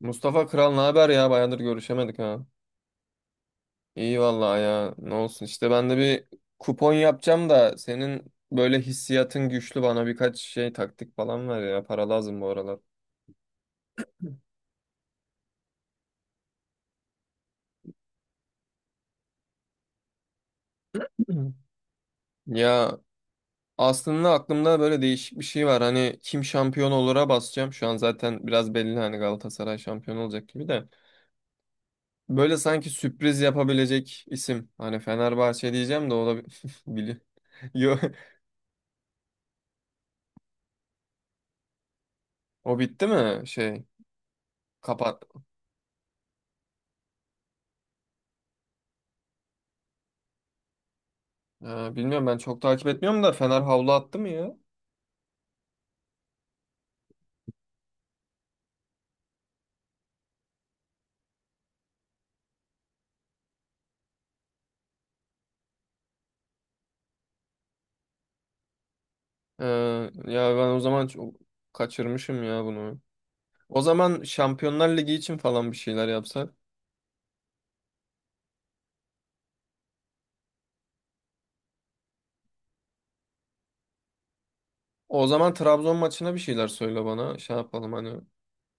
Mustafa Kral ne haber ya? Bayağıdır görüşemedik ha. İyi vallahi ya. Ne olsun işte ben de bir kupon yapacağım da senin böyle hissiyatın güçlü bana birkaç şey taktik falan ver ya. Para lazım bu aralar. Hı. Ya aslında aklımda böyle değişik bir şey var. Hani kim şampiyon olur'a basacağım. Şu an zaten biraz belli hani Galatasaray şampiyon olacak gibi de. Böyle sanki sürpriz yapabilecek isim. Hani Fenerbahçe diyeceğim de o da bili. Yo, o bitti mi şey? Kapat. Bilmiyorum ben çok takip etmiyorum da Fener havlu attı mı ya? Ee, ya ben o zaman çok kaçırmışım ya bunu. O zaman Şampiyonlar Ligi için falan bir şeyler yapsak. O zaman Trabzon maçına bir şeyler söyle bana. Şey yapalım hani.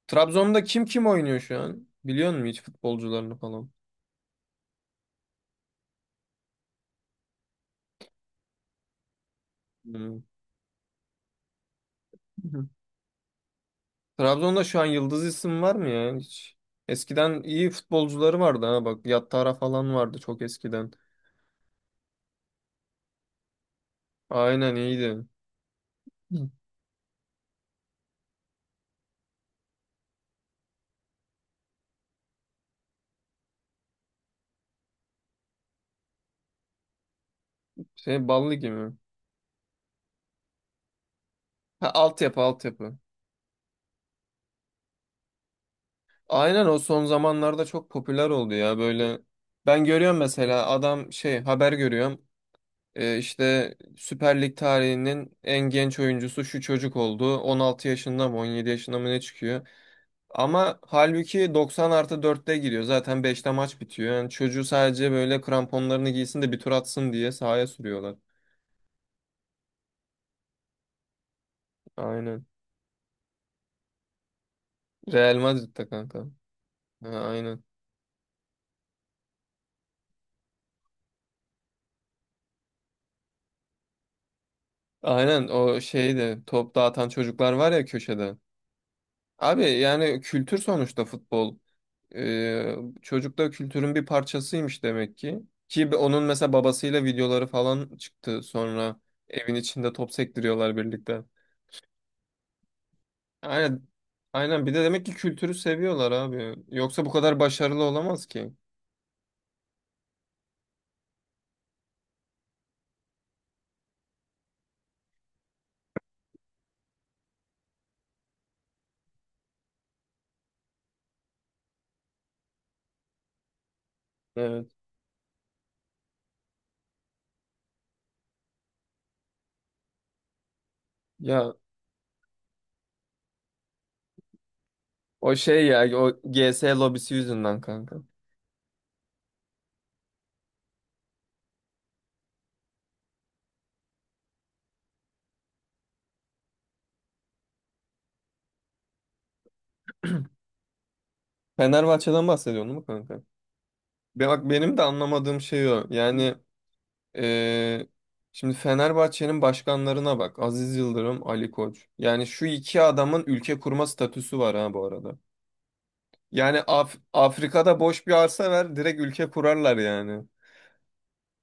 Trabzon'da kim kim oynuyor şu an? Biliyor musun hiç futbolcularını falan? Hmm. Trabzon'da şu an yıldız isim var mı ya hiç? Eskiden iyi futbolcuları vardı ha bak. Yattara falan vardı çok eskiden. Aynen iyiydi. Hı. Şey Ballı gibi. Ha, altyapı altyapı. Aynen o son zamanlarda çok popüler oldu ya böyle. Ben görüyorum mesela adam şey haber görüyorum. İşte Süper Lig tarihinin en genç oyuncusu şu çocuk oldu. 16 yaşında mı 17 yaşında mı ne çıkıyor. Ama halbuki 90 artı 4'te giriyor. Zaten 5'te maç bitiyor. Yani çocuğu sadece böyle kramponlarını giysin de bir tur atsın diye sahaya sürüyorlar. Aynen. Real Madrid'de kanka. Ha, aynen. Aynen o şeyde top dağıtan çocuklar var ya köşede. Abi yani kültür sonuçta futbol. Ee, çocuk da kültürün bir parçasıymış demek ki. Ki onun mesela babasıyla videoları falan çıktı sonra evin içinde top sektiriyorlar birlikte. Aynen, aynen bir de demek ki kültürü seviyorlar abi. Yoksa bu kadar başarılı olamaz ki. Evet. Ya o şey ya o G S lobisi yüzünden kanka. Fenerbahçe'den bahsediyorsun değil mi kanka? Bak benim de anlamadığım şey o. Yani Ee, şimdi Fenerbahçe'nin başkanlarına bak. Aziz Yıldırım, Ali Koç. Yani şu iki adamın ülke kurma statüsü var ha bu arada. Yani Afrika'da boş bir arsa ver, direkt ülke kurarlar yani.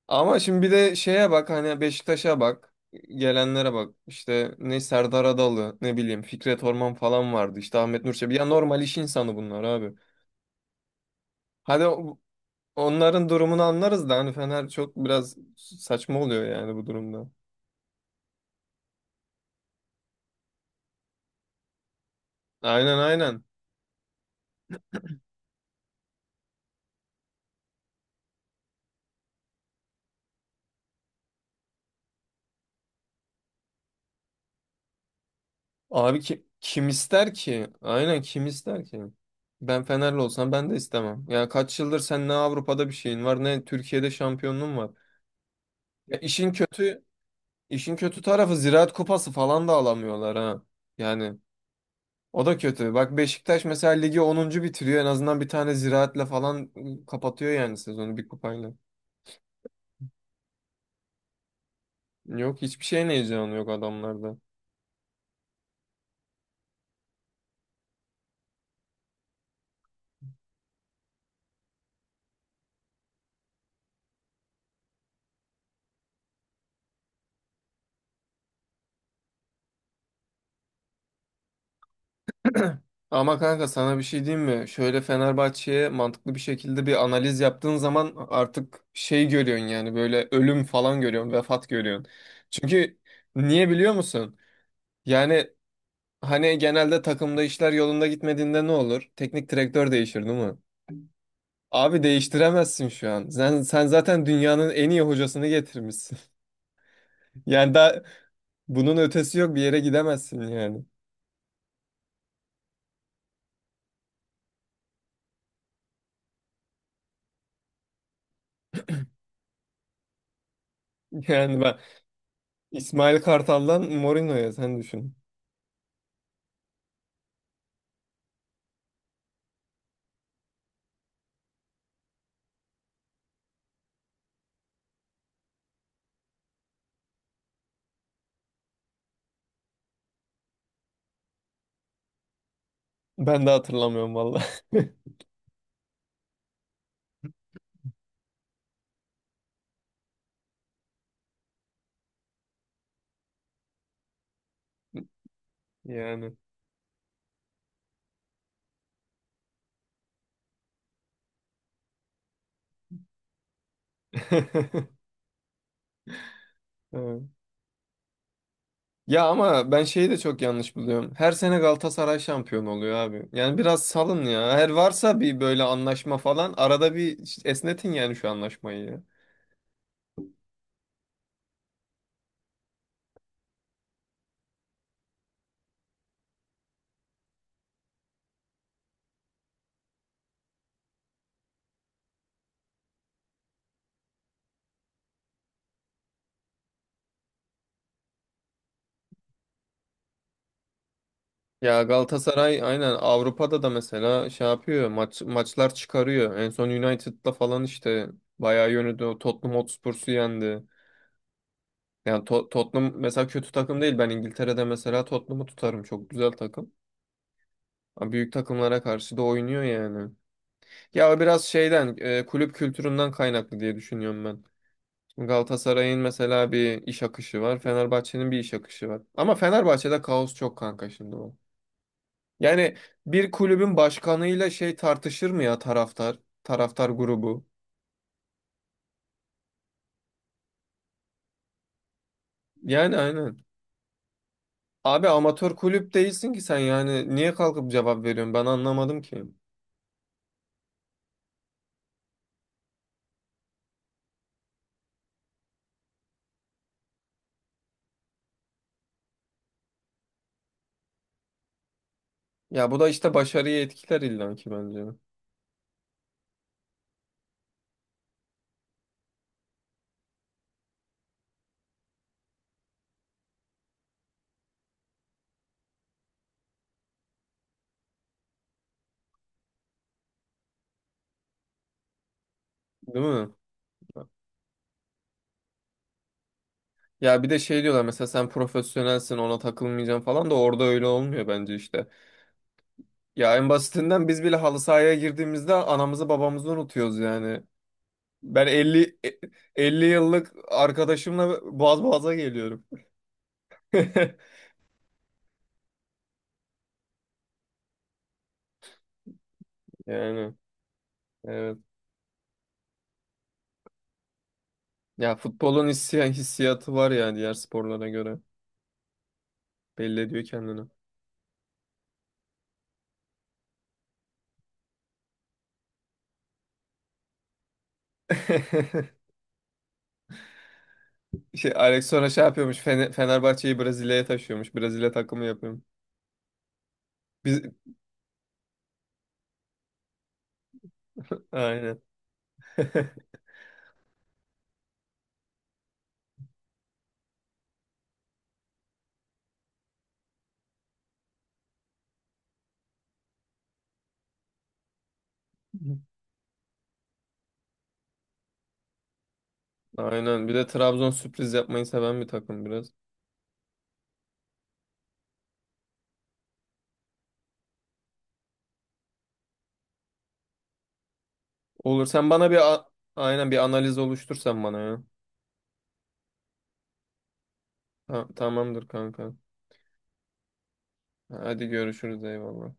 Ama şimdi bir de şeye bak hani Beşiktaş'a bak. Gelenlere bak. İşte ne Serdar Adalı, ne bileyim Fikret Orman falan vardı. İşte Ahmet Nur Çebi. Ya normal iş insanı bunlar abi. Hadi onların durumunu anlarız da hani Fener çok biraz saçma oluyor yani bu durumda. Aynen aynen. Abi ki, kim ister ki? Aynen kim ister ki? Ben Fenerli olsam ben de istemem. Ya kaç yıldır sen ne Avrupa'da bir şeyin var ne Türkiye'de şampiyonluğun var. Ya işin kötü tarafı Ziraat Kupası falan da alamıyorlar ha. Yani o da kötü. Bak Beşiktaş mesela ligi 10. bitiriyor. En azından bir tane Ziraat'le falan kapatıyor yani sezonu bir kupayla. Yok hiçbir şeyin heyecanı yok adamlarda. Ama kanka sana bir şey diyeyim mi? Şöyle Fenerbahçe'ye mantıklı bir şekilde bir analiz yaptığın zaman artık şey görüyorsun yani böyle ölüm falan görüyorsun, vefat görüyorsun. Çünkü niye biliyor musun? Yani hani genelde takımda işler yolunda gitmediğinde ne olur? Teknik direktör değişir değil mi? Abi değiştiremezsin şu an. Sen zaten dünyanın en iyi hocasını getirmişsin. Yani daha bunun ötesi yok bir yere gidemezsin yani. Yani ben İsmail Kartal'dan Mourinho'ya sen düşün. Ben de hatırlamıyorum valla. Yani. Evet. Ya ama ben şeyi de çok yanlış buluyorum. Her sene Galatasaray şampiyon oluyor abi. Yani biraz salın ya. Her varsa bir böyle anlaşma falan arada bir işte esnetin yani şu anlaşmayı ya. Ya Galatasaray aynen Avrupa'da da mesela şey yapıyor maçlar çıkarıyor. En son United'la falan işte bayağı yönüdü. O Tottenham Hotspur'u yendi. Yani Tottenham mesela kötü takım değil. Ben İngiltere'de mesela Tottenham'ı tutarım. Çok güzel takım. Ama büyük takımlara karşı da oynuyor yani. Ya o biraz şeyden kulüp kültüründen kaynaklı diye düşünüyorum ben. Şimdi Galatasaray'ın mesela bir iş akışı var. Fenerbahçe'nin bir iş akışı var. Ama Fenerbahçe'de kaos çok kanka şimdi. Yani bir kulübün başkanıyla şey tartışır mı ya taraftar grubu? Yani aynen. Abi amatör kulüp değilsin ki sen yani niye kalkıp cevap veriyorsun ben anlamadım ki. Ya bu da işte başarıyı etkiler illa ki bence. Değil mi? Ya bir de şey diyorlar mesela sen profesyonelsin ona takılmayacaksın falan da orada öyle olmuyor bence işte. Ya en basitinden biz bile halı sahaya girdiğimizde anamızı babamızı unutuyoruz yani. Ben 50 yıllık arkadaşımla boğaz boğaza geliyorum. Yani evet. Ya futbolun hissiyatı var yani diğer sporlara göre. Belli ediyor kendini. Şey, Alex sonra şey yapıyormuş. Fenerbahçe'yi Brezilya'ya taşıyormuş. Brezilya takımı yapıyormuş. Biz aynen. Aynen. Bir de Trabzon sürpriz yapmayı seven bir takım biraz. Olur. Sen bana aynen bir analiz oluştursan bana ya. Ha, tamamdır kanka. Hadi görüşürüz eyvallah.